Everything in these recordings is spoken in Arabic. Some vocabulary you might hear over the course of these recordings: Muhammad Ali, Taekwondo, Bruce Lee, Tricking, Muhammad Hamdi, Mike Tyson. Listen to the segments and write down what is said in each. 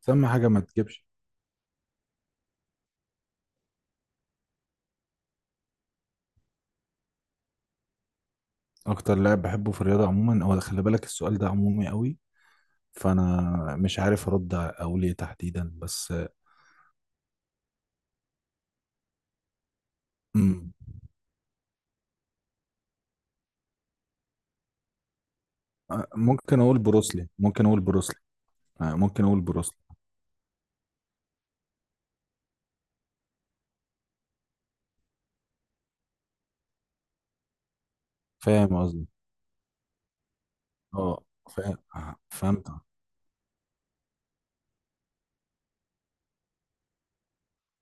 سمي حاجة ما تجيبش. أكتر لاعب بحبه في الرياضة عموما هو، خلي بالك، السؤال ده عمومي قوي، فأنا مش عارف أرد أقول إيه تحديدا بس. مم. ممكن أقول بروسلي. آه، ممكن أقول بروسلي فاهم قصدي. أه، فاهم. فهمت.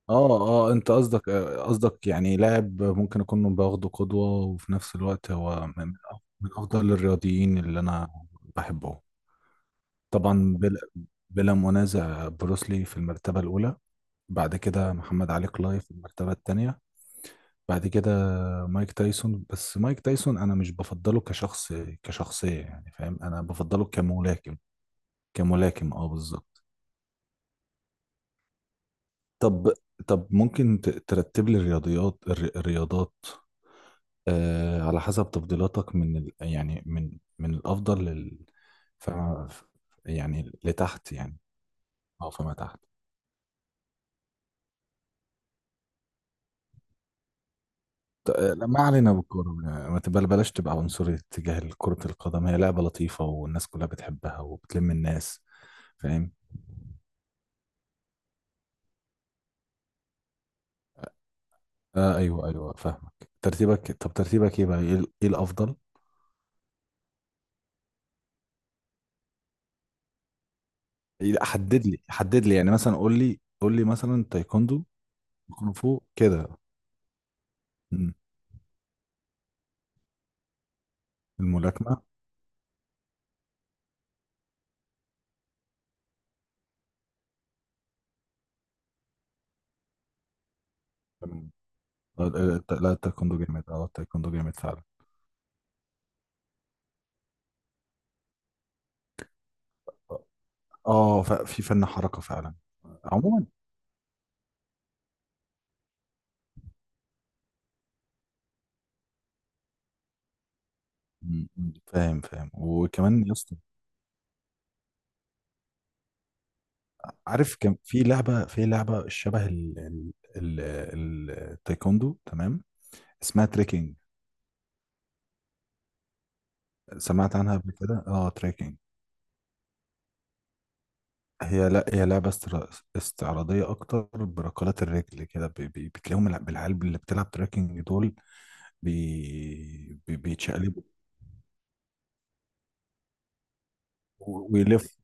أه أه، أنت قصدك، قصدك يعني لاعب ممكن أكون باخده قدوة، وفي نفس الوقت هو من أفضل الرياضيين اللي أنا بحبه. طبعا بلا منازع بروسلي في المرتبة الأولى، بعد كده محمد علي كلاي في المرتبة التانية، بعد كده مايك تايسون، بس مايك تايسون أنا مش بفضله كشخص، كشخصية يعني، فاهم؟ أنا بفضله كملاكم، كملاكم، أه بالظبط. طب طب ممكن ترتب لي الرياضات، آه، على حسب تفضيلاتك، من الأفضل لل، فما يعني لتحت يعني. أه، فما تحت. لا، ما علينا بالكورة، ما تبقى بلاش تبقى عنصري تجاه كرة القدم، هي لعبة لطيفة والناس كلها بتحبها وبتلم الناس، فاهم؟ آه، ايوه ايوه، فاهمك. ترتيبك، طب ترتيبك ايه بقى، إيه الافضل؟ حدد لي يعني، مثلا قول لي مثلا، تايكوندو، كونغ فو كده. مم. الملاكمة. تمام. آه، آه، آه، لا التايكوندو جامد، اه التايكوندو جامد فعلا، اه في فن حركة فعلا عموما. مم. فاهم فاهم، وكمان يا اسطى، عارف كان في لعبة شبه التايكوندو، تمام، اسمها تريكنج. سمعت عنها قبل كده، اه تريكنج. هي لا هي لعبة استعراضية أكتر، بركلات الرجل كده، بتلاقيهم العيال اللي بتلعب تريكنج دول بيتشقلبوا ويلف.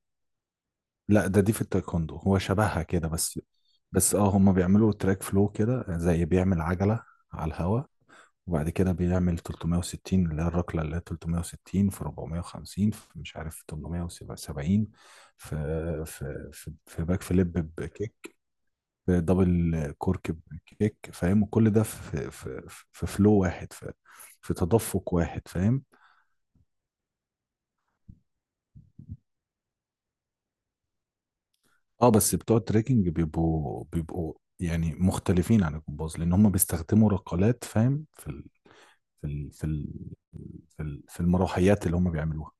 لا، ده دي في التايكوندو، هو شبهها كده بس، بس اه، هما بيعملوا تراك فلو كده، زي بيعمل عجلة على الهوا، وبعد كده بيعمل 360، اللي هي الركلة اللي هي 360 في 450 في مش عارف 870، في في باك فليب بكيك، في دبل كورك بكيك، فاهم؟ وكل ده في، في فلو واحد، في في تدفق واحد، فاهم؟ اه بس بتوع التريكنج بيبقوا يعني مختلفين عن الجمباز، لان هم بيستخدموا رقالات، فاهم؟ في ال في ال في المروحيات اللي هم بيعملوها.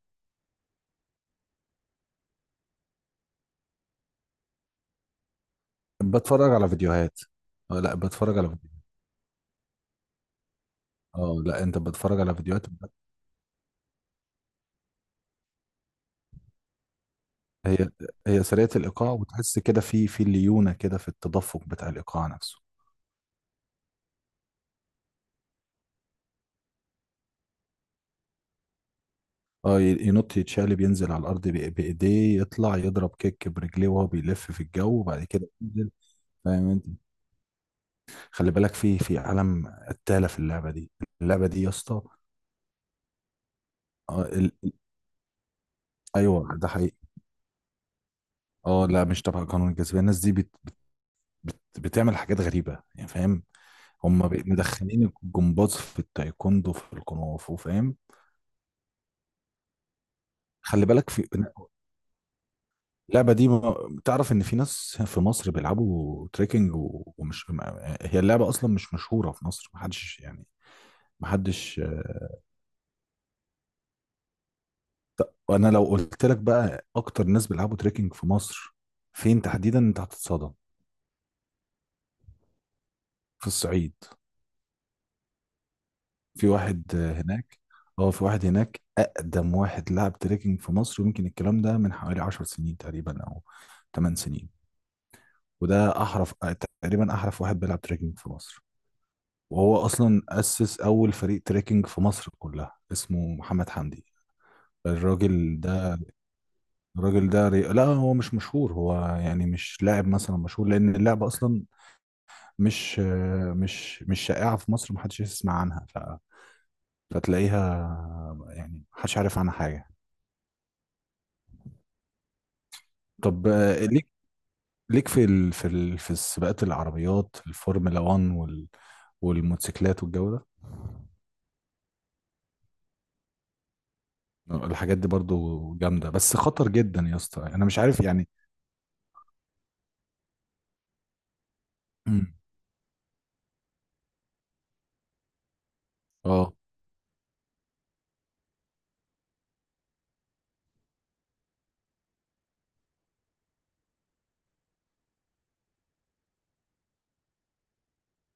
بتفرج على فيديوهات. آه، لا، بتفرج على، اه، لا انت بتتفرج على فيديوهات هي، هي سريعة الايقاع، وتحس كده في، في ليونة كده في التدفق بتاع الايقاع نفسه. اه ينط يتشقلب، ينزل على الارض بايديه، يطلع يضرب كيك برجليه وهو بيلف في الجو، وبعد كده ينزل، فاهم انت؟ خلي بالك في، في عالم قتالة في اللعبة دي، اللعبة دي يا اسطى. اه ايوه، ده حقيقي. اه لا مش تبع قانون الجاذبية، الناس دي بتعمل حاجات غريبة يعني، فاهم؟ هم مدخلين الجمباز في التايكوندو، في الكونغ فو، فاهم؟ خلي بالك في اللعبة دي، تعرف ان في ناس في مصر بيلعبوا تريكنج، و- ومش ما- هي اللعبة اصلا مش مشهورة في مصر، محدش يعني، محدش، آه. وانا لو قلت لك بقى اكتر ناس بيلعبوا تريكنج في مصر فين تحديدا انت هتتصدم، في الصعيد. في واحد، آه، هناك، اه في واحد هناك اقدم واحد لعب تريكنج في مصر، ويمكن الكلام ده من حوالي 10 سنين تقريبا، او 8 سنين، وده احرف تقريبا، احرف واحد بيلعب تريكنج في مصر، وهو اصلا اسس اول فريق تريكنج في مصر كلها، اسمه محمد حمدي. الراجل ده، الراجل ده لا هو مش مشهور، هو يعني مش لاعب مثلا مشهور، لان اللعبه اصلا مش مش شائعه في مصر، محدش يسمع عنها، فتلاقيها يعني محدش عارف عنها حاجه. طب، آه، ليك، ليك في في السباقات، العربيات، الفورمولا 1 والموتوسيكلات والجو ده. الحاجات دي برضو جامده، بس خطر جدا يا اسطى، انا مش عارف يعني. مم. اه.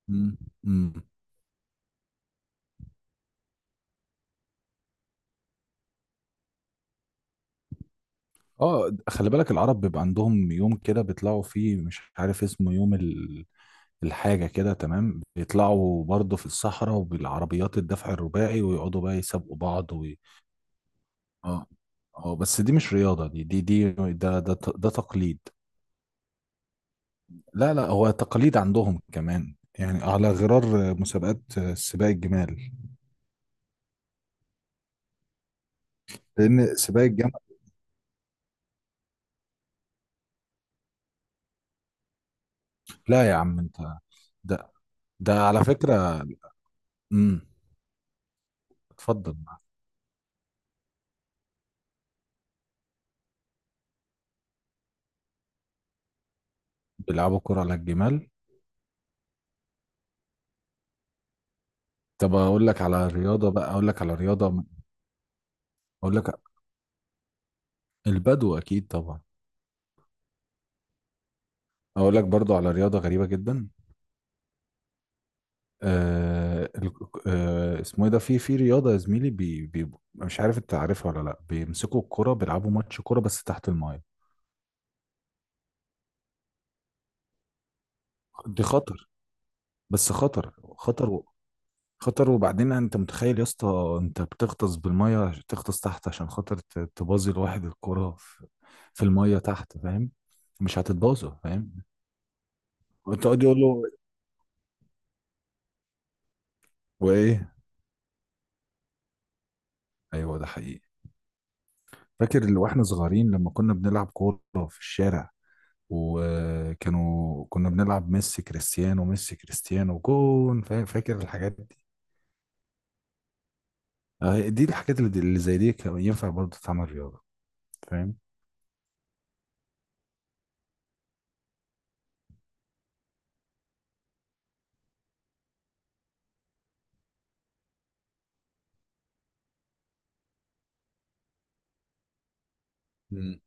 مم. مم. اه خلي بالك، العرب بيبقى عندهم يوم كده بيطلعوا فيه، مش عارف اسمه، يوم الحاجة كده، تمام، بيطلعوا برضه في الصحراء وبالعربيات الدفع الرباعي، ويقعدوا بقى يسابقوا بعض اه، اه بس دي مش رياضة، دي دي دي ده ده ت- ده تقليد. لا لا، هو تقليد عندهم كمان، يعني على غرار مسابقات سباق الجمال. لأن سباق الجمل، لا يا عم انت، ده ده على فكرة. امم. اتفضل. بيلعبوا كرة على الجمال. طب اقول لك على رياضة بقى اقول لك على رياضة اقول لك، البدو اكيد طبعا. اقول لك برضو على رياضة غريبة جدا، آه ال... آه، اسمه ايه ده، في في رياضة يا زميلي، مش عارف انت عارفها ولا لا، بيمسكوا الكرة بيلعبوا ماتش كرة بس تحت الماية. دي خطر، بس خطر، خطر و، خطر. وبعدين انت متخيل يا اسطى انت بتغطس بالمية، تغطس تحت عشان خاطر تبازي لواحد الكرة في، في المية تحت، فاهم؟ مش هتتبازه، فاهم؟ وانت قاعد يقول له، وايه. ايوه، ده حقيقي. فاكر اللي واحنا صغيرين لما كنا بنلعب كوره في الشارع، وكانوا كنا بنلعب ميسي كريستيانو، ميسي كريستيانو، جون فاكر الحاجات دي؟ آه، دي الحاجات اللي، زي دي، كان ينفع برضه تعمل رياضه، فاهم؟ مم.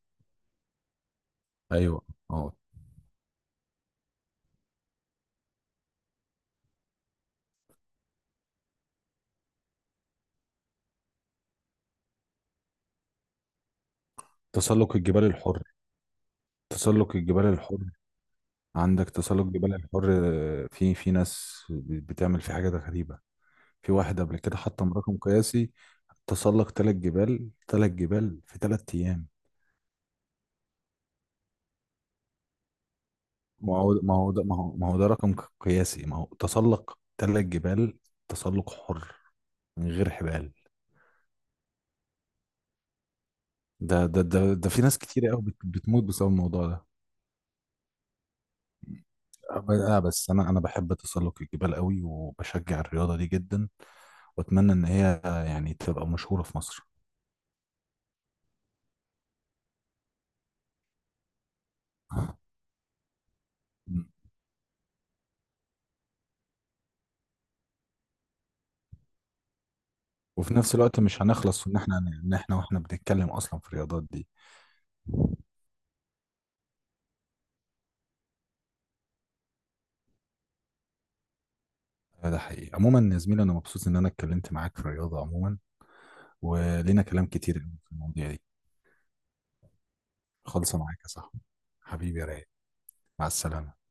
ايوه. اه. تسلق الجبال الحر. تسلق الجبال الحر. عندك تسلق جبال الحر، آه، في في ناس بتعمل في حاجات غريبه، في واحد قبل كده حطم رقم قياسي، تسلق ثلاث جبال، ثلاث جبال في ثلاث ايام. ما هو ما هو ده ما هو ما هو ده رقم قياسي، ما هو تسلق ثلاث جبال، تسلق حر، من غير حبال. ده في ناس كتير قوي بتموت بسبب الموضوع ده. آه، بس انا، انا بحب تسلق الجبال قوي، وبشجع الرياضه دي جدا، واتمنى ان هي يعني تبقى مشهوره في مصر. مم. وفي نفس الوقت مش هنخلص، ان احنا، ان احنا واحنا بنتكلم اصلا في الرياضات دي. لا، ده حقيقي، عموما يا زميلي انا مبسوط ان انا اتكلمت معاك في الرياضه عموما، ولينا كلام كتير في المواضيع دي، خالصه معاك يا صاحبي. حبيبي يا رايق، مع السلامه.